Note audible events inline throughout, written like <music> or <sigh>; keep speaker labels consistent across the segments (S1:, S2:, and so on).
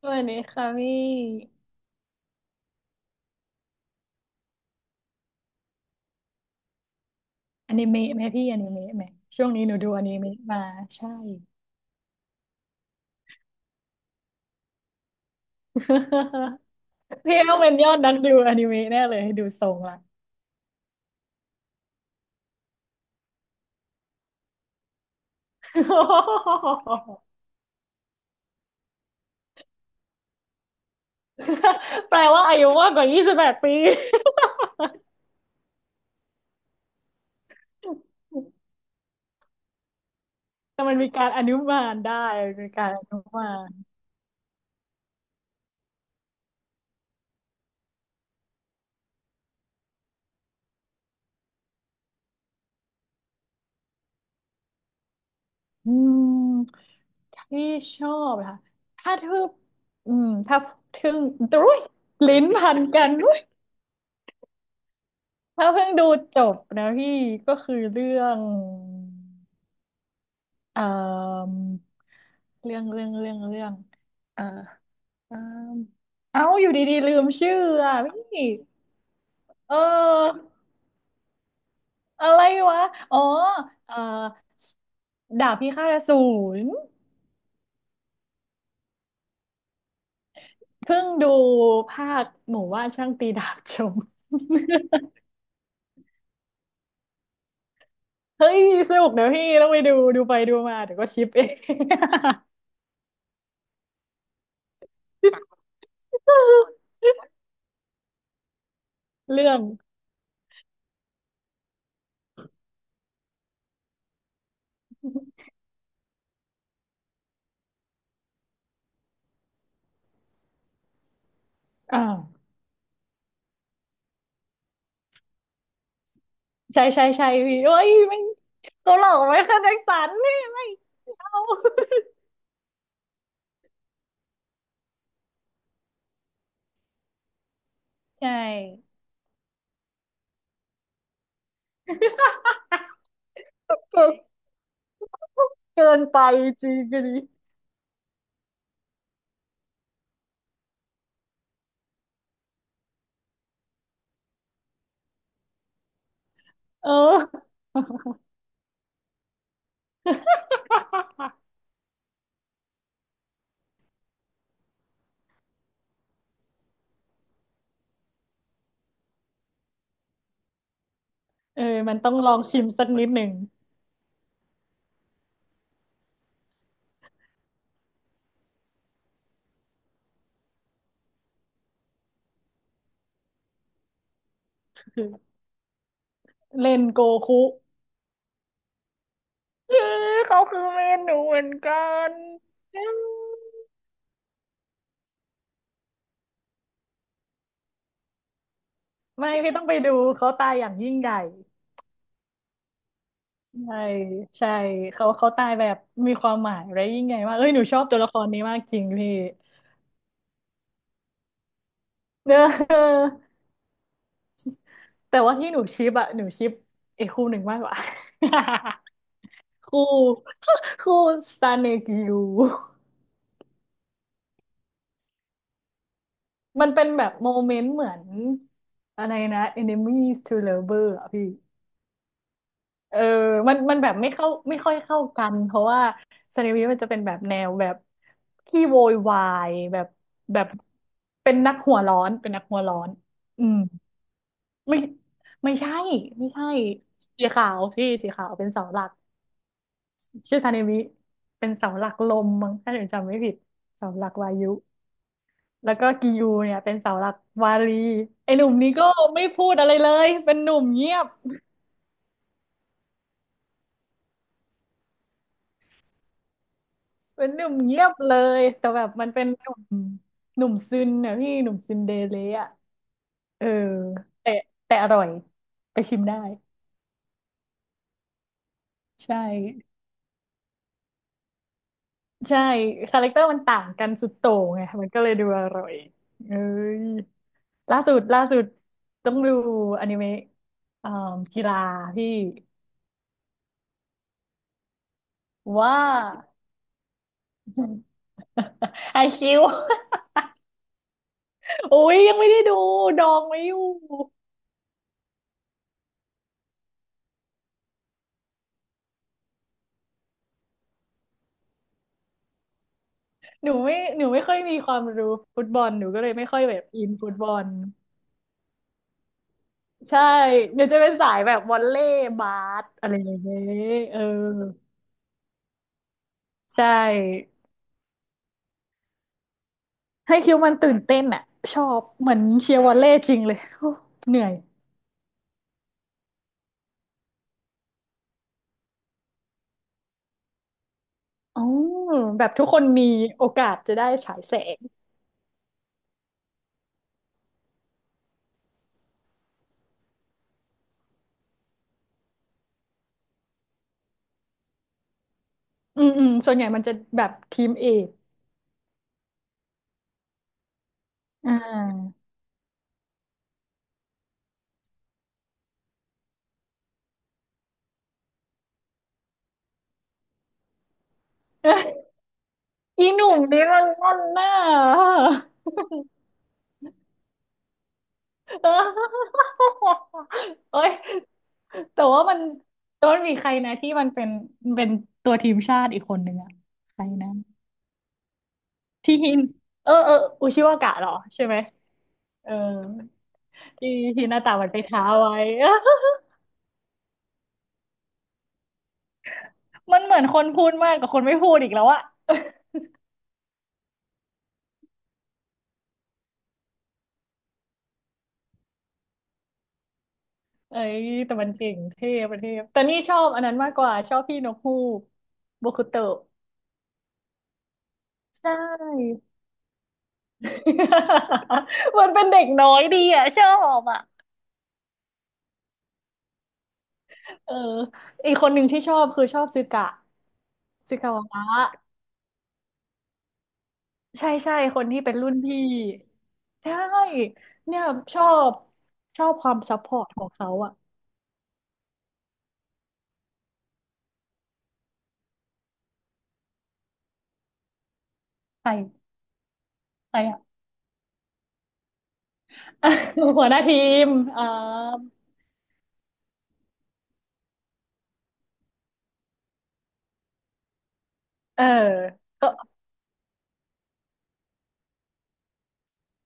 S1: สวัสดีค่ะพี่อนิเมะไหมพี่อนิเมะไหมช่วงนี้หนูดูอนิเมะมาใช่ <laughs> พี่ต้องเป็นยอดนักดูอนิเมะแน่เลยดูทรงละ <laughs> แปลว่าอายุมากกว่ายี่สิบแปดปี <laughs> แต่มันมีการอนุมานได้มีการอนุมานอืมที่ชอบค่ะถ้าทึ่งถ้าทึ่งอุ้ยลิ้นพันกันดุยถ้าเพิ่งดูจบนะพี่ก็คือเรื่อง เอ่อเรื่องเอ่อเอ่อเอ้าอยู่ดีๆลืมชื่ออ่ะพี่เอออะไรวะอ๋อเอ่อดาบพิฆาตอสูรเพิ่งดูภาคหมู่ว่านช่างตีดาบชม <laughs> เฮ้ยสนุกเดี๋ยวพี่ต้องไปดูไปดูมาเดี๋ยวก็ชิปเอง <laughs> เรื่องอ่าใช่ใช่ใช่พี่เอ้ยไม่เขาหลอกไว้ค่ะแจ็คสันนี่ไม่เอา <laughs> ใช่ เกินไปจริงอันนี้เออ <laughs> เออมันต้องลองชิมสักนิดหนึ่งคือเล่นโกคุเออเขาคือเมนหนูเหมือนกันอืมไม่พี่ต้องไปดูเขาตายอย่างยิ่งใหญ่ใช่ใช่เขาตายแบบมีความหมายและยิ่งใหญ่มากเอ้ยหนูชอบตัวละครนี้มากจริงพี่ <laughs> เออแต่ว่าที่หนูชิปอะหนูชิปไอ้คู่หนึ่งมากกว่า <laughs> คู่ <laughs> คู่ซาเนกิยู มันเป็นแบบโมเมนต์เหมือนอะไรนะ enemies to lover อ่ะพี่เออมันแบบไม่เข้าไม่ค่อยเข้ากันเพราะว่าซานิมิมันจะเป็นแบบแนวแบบขี้โวยวายแบบแบบเป็นนักหัวร้อนเป็นนักหัวร้อนอืมไม่ไม่ใช่ไม่ใช่สีขาวพี่สีขาวเป็นเสาหลักชื่อซานิมิเป็นเสาหลักลมมั้งถ้าผมจำไม่ผิดเสาหลักวายุ แล้วก็กิยูเนี่ยเป็นเสาหลักวารีไอ้หนุ่มนี้ก็ไม่พูดอะไรเลยเป็นหนุ่มเงียบเป็นหนุ่มเงียบเลยแต่แบบมันเป็นหนุ่มหนุ่มซึนนะพี่หนุ่มซึนเดเลอ่ะเออแต่แต่อร่อยไปชิมได้ใช่ใช่คาแรคเตอร์มันต่างกันสุดโต่งไงมันก็เลยดูอร่อยเอ้ยล่าสุดล่าสุดต้องดูอนิเมะอ่ากีฬาพี่ว่า <laughs> ไอคิว โอ้ยยังไม่ได้ดูดองไว้อยู่หนูไม่หนูไม่ค่อยมีความรู้ฟุตบอลหนูก็เลยไม่ค่อยแบบอินฟุตบอลใช่หนูจะเป็นสายแบบวอลเลย์บาสอะไรอย่างเงี้ยเออใช่ให้คิวมันตื่นเต้นอ่ะชอบเหมือนเชียร์วอลเลย์จริงเลย <laughs> โอ้เหนื่อยอ๋อแบบทุกคนมีโอกาสจะได้ฉายแสงอืมอืมส่วนใหญ่มันจะแบบทีมเอกอ่า <laughs> อีหนุ่มนี่มันงอนหน้า <laughs> เออเอ้ยแต่ว่ามันแต่ว่ามันมีใครนะที่มันเป็นเป็นตัวทีมชาติอีกคนหนึ่งอะใครนะที่ฮินเออเอออุชิวากะเหรอใช่ไหมเออที่หน้าตามันไปท้าไว้ <laughs> มันเหมือนคนพูดมากกว่าคนไม่พูดอีกแล้วอะเอ้ยแต่มันเก่งเท่ประเทศแต่นี่ชอบอันนั้นมากกว่าชอบพี่นกฮูกโบคุโตะใช่ <laughs> มันเป็นเด็กน้อยดีอะชอบอะ เอออีกคนหนึ่งที่ชอบคือชอบซึกะซึกะวะใช่ใช่คนที่เป็นรุ่นพี่ใช่เนี่ยชอบความซัพพอร์ตของเขาอะใครใครอ่ะ <laughs> หัวหน้าทีมอ่าเออก็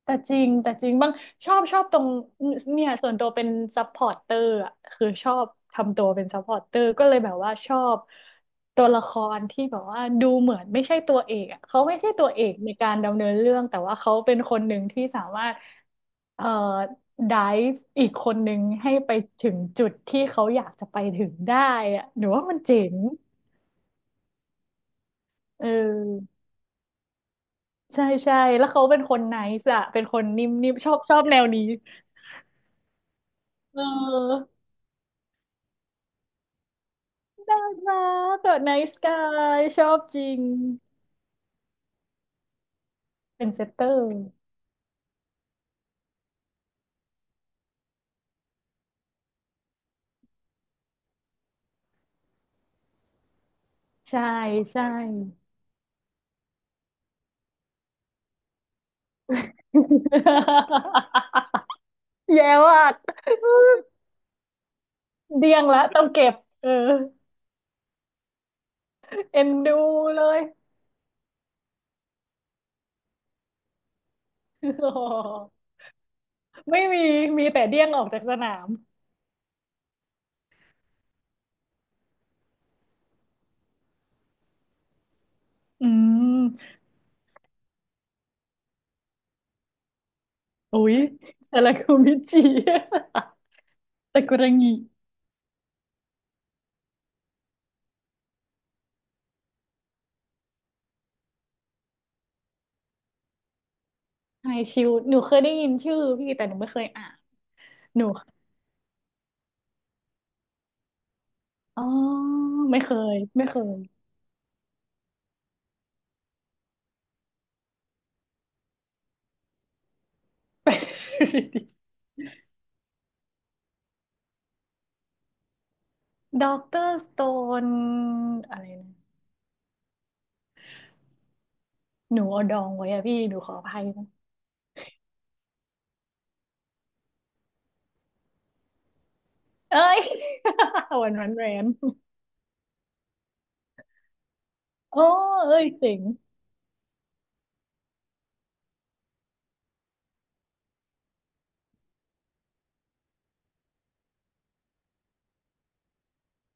S1: แต่จริงแต่จริงบ้างชอบตรงเนี่ยส่วนตัวเป็นซัพพอร์ตเตอร์อ่ะคือชอบทำตัวเป็นซัพพอร์ตเตอร์ก็เลยแบบว่าชอบตัวละครที่แบบว่าดูเหมือนไม่ใช่ตัวเอกอ่ะเขาไม่ใช่ตัวเอกในการดำเนินเรื่องแต่ว่าเขาเป็นคนหนึ่งที่สามารถเอ่อไดฟ์อีกคนหนึ่งให้ไปถึงจุดที่เขาอยากจะไปถึงได้อะหนูว่ามันเจ๋งเออใช่ใช่แล้วเขาเป็นคนไนซ์อะเป็นคนนิ่มๆชอบแนวนี้เออ รักเดอะไนท์สกายชอบจริงเป็นเซตเตอร์ใช่ใช่ <laughs> แย่ว่ะเดียงละต้องเก็บเออเอ็นดูเลย <laughs> โอ้โหไม่มีมีแต่เดี้ยงออกจากสนามอืมอุ้ยซาลากูมิจิ <laughs> ซากุระงิไฮชิวหนูเคยได้ยินชื่อพี่แต่หนูไม่เคยอ่านหนูอ๋อไม่เคยไม่เคย <laughs> ไป ด็อกเตอร์สโตนอะไรนะหนูเอาดองไว้อะพี่หนูขออภัยนะเอ้ย <laughs> วันวันแรนโอ้เอ้ยเจ๋ง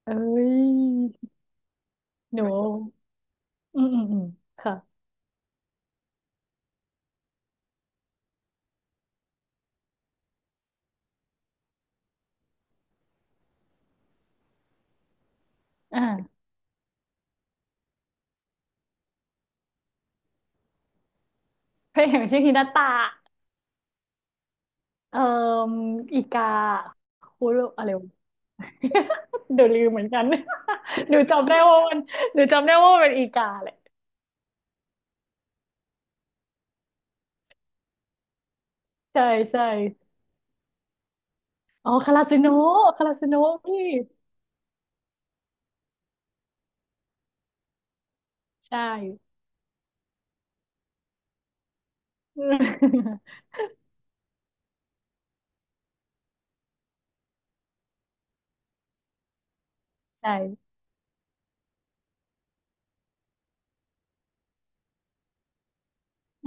S1: เอ้ยหนูอืมอืมอืมค่ะอ่าเคยเห็นชื่อฮินาตะเอ่ออีกาฮูโรอะไรวะ <laughs> เดี๋ยวลืมเหมือนกัน <laughs> หนูจำได้ว่ามันหนูจำได้ว่ามันเป็นอีกาแหละใช่ใช่อ๋อคาราซิโนะคาราซิโนะพี่ใช่ <laughs> ใช่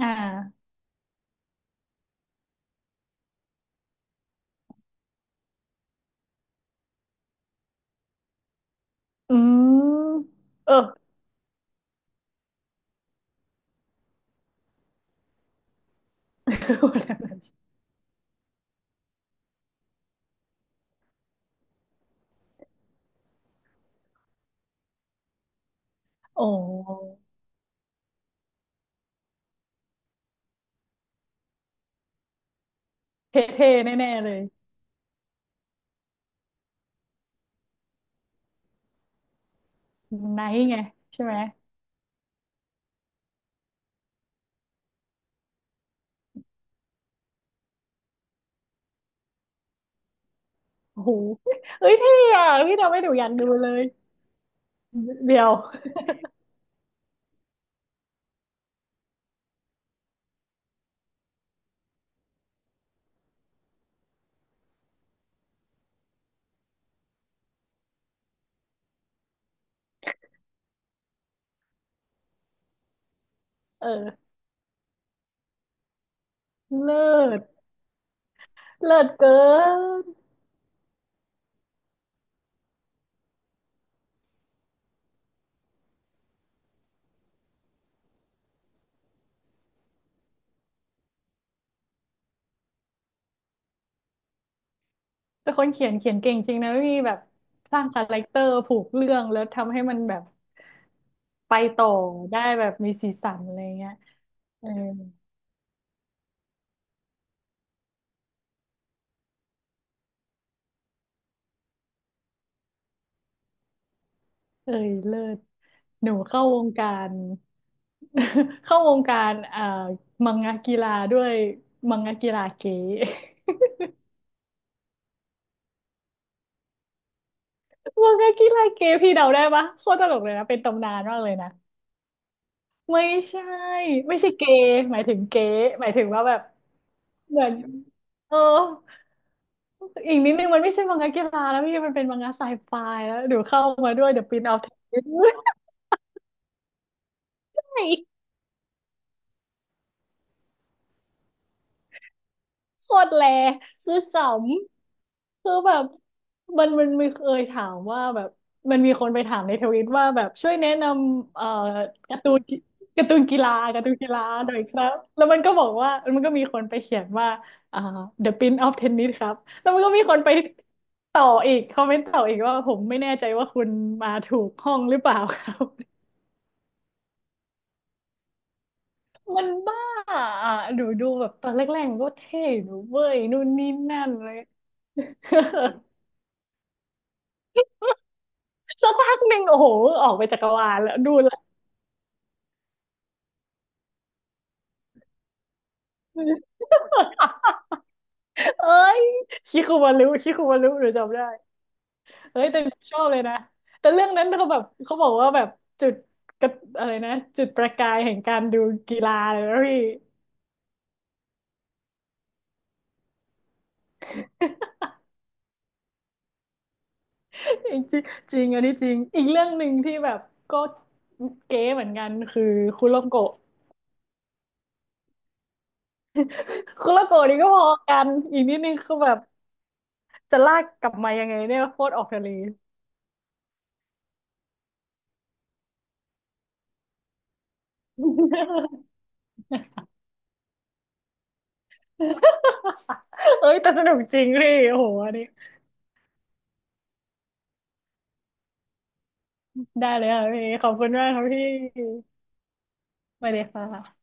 S1: อ่า อืมเออ <laughs> วันนั้นโอ้เท่ๆแน่ๆเลยไนท์ไงใช่ไหมโอ้โหเอ้ยเท่อะพี่ทำให้หนูอยากดูเลยเดี๋ยวเออเลิศเลิศเกินแต่คนเขียนเขียนเก่งจริงนะพี่แบบสร้างคาแรคเตอร์ผูกเรื่องแล้วทำให้มันแบบไปต่อได้แบบมีสีสันอะไรเงี้ยเออ เอ้ยเลิศหนูเข้าวงการ <laughs> เข้าวงการมังงะกีฬาด้วยมังงะกีฬาเก๋ <laughs> มังงะกีฬาเก๋พี่เดาได้ปะโคตรตลกเลยนะเป็นตำนานมากเลยนะไม่ใช่ไม่ใช่เกย์หมายถึงเก๋หมายถึงว่าแบบเหมือนเอออีกนิดนึงมันไม่ใช่มังงะกีฬาแล้วพี่มันเป็นมังงะไซไฟแล้วเดี๋ยวเข้ามาด้วยเดี๋ยวปีนเอาเทน <laughs> โคตรแลคือขำคือแบบมันมีเคยถามว่าแบบมันมีคนไปถามในทวิตว่าแบบช่วยแนะนำการ์ตูนการ์ตูนกีฬาการ์ตูนกีฬาหน่อยครับแล้วมันก็บอกว่ามันก็มีคนไปเขียนว่าอ่า The Prince of Tennis ครับแล้วมันก็มีคนไปต่ออีกคอมเมนต์ต่ออีกว่าผมไม่แน่ใจว่าคุณมาถูกห้องหรือเปล่าครับ <laughs> มันบ้าอ่ะหนูดูแบบตอนแรกๆมันก็เท่หนูเว้ยนู่นนี่นั่นเลย สักพักหนึ่งโอ้โหออกไปจักรวาลแล้วดูแลเอ้ยคิคุมารุคิคุมารุหนูจำได้เอ้ย แต่หนูชอบเลยนะ แต่เรื่องนั้นเขาแบบเขาบอกว่าแบบจุดกระอะไรนะจุดประกายแห่งการดูกีฬาเลยนะพี่จริงจริงอันนี้จริงอีกเรื่องหนึ่งที่แบบก็เก๋เหมือนกันคือคุโรโกะคุโรโกะนี่ก็พอกันอีกนิดนึงคือแบบจะลากกลับมายังไงเนี่ยโคตรออกทะเล <laughs> เอ้ยแต่สนุกจริงพี่โอ้โหอันนี้ได้เลยค่ะพี่ขอบคุณมากครับพี่สวัสดีค่ะ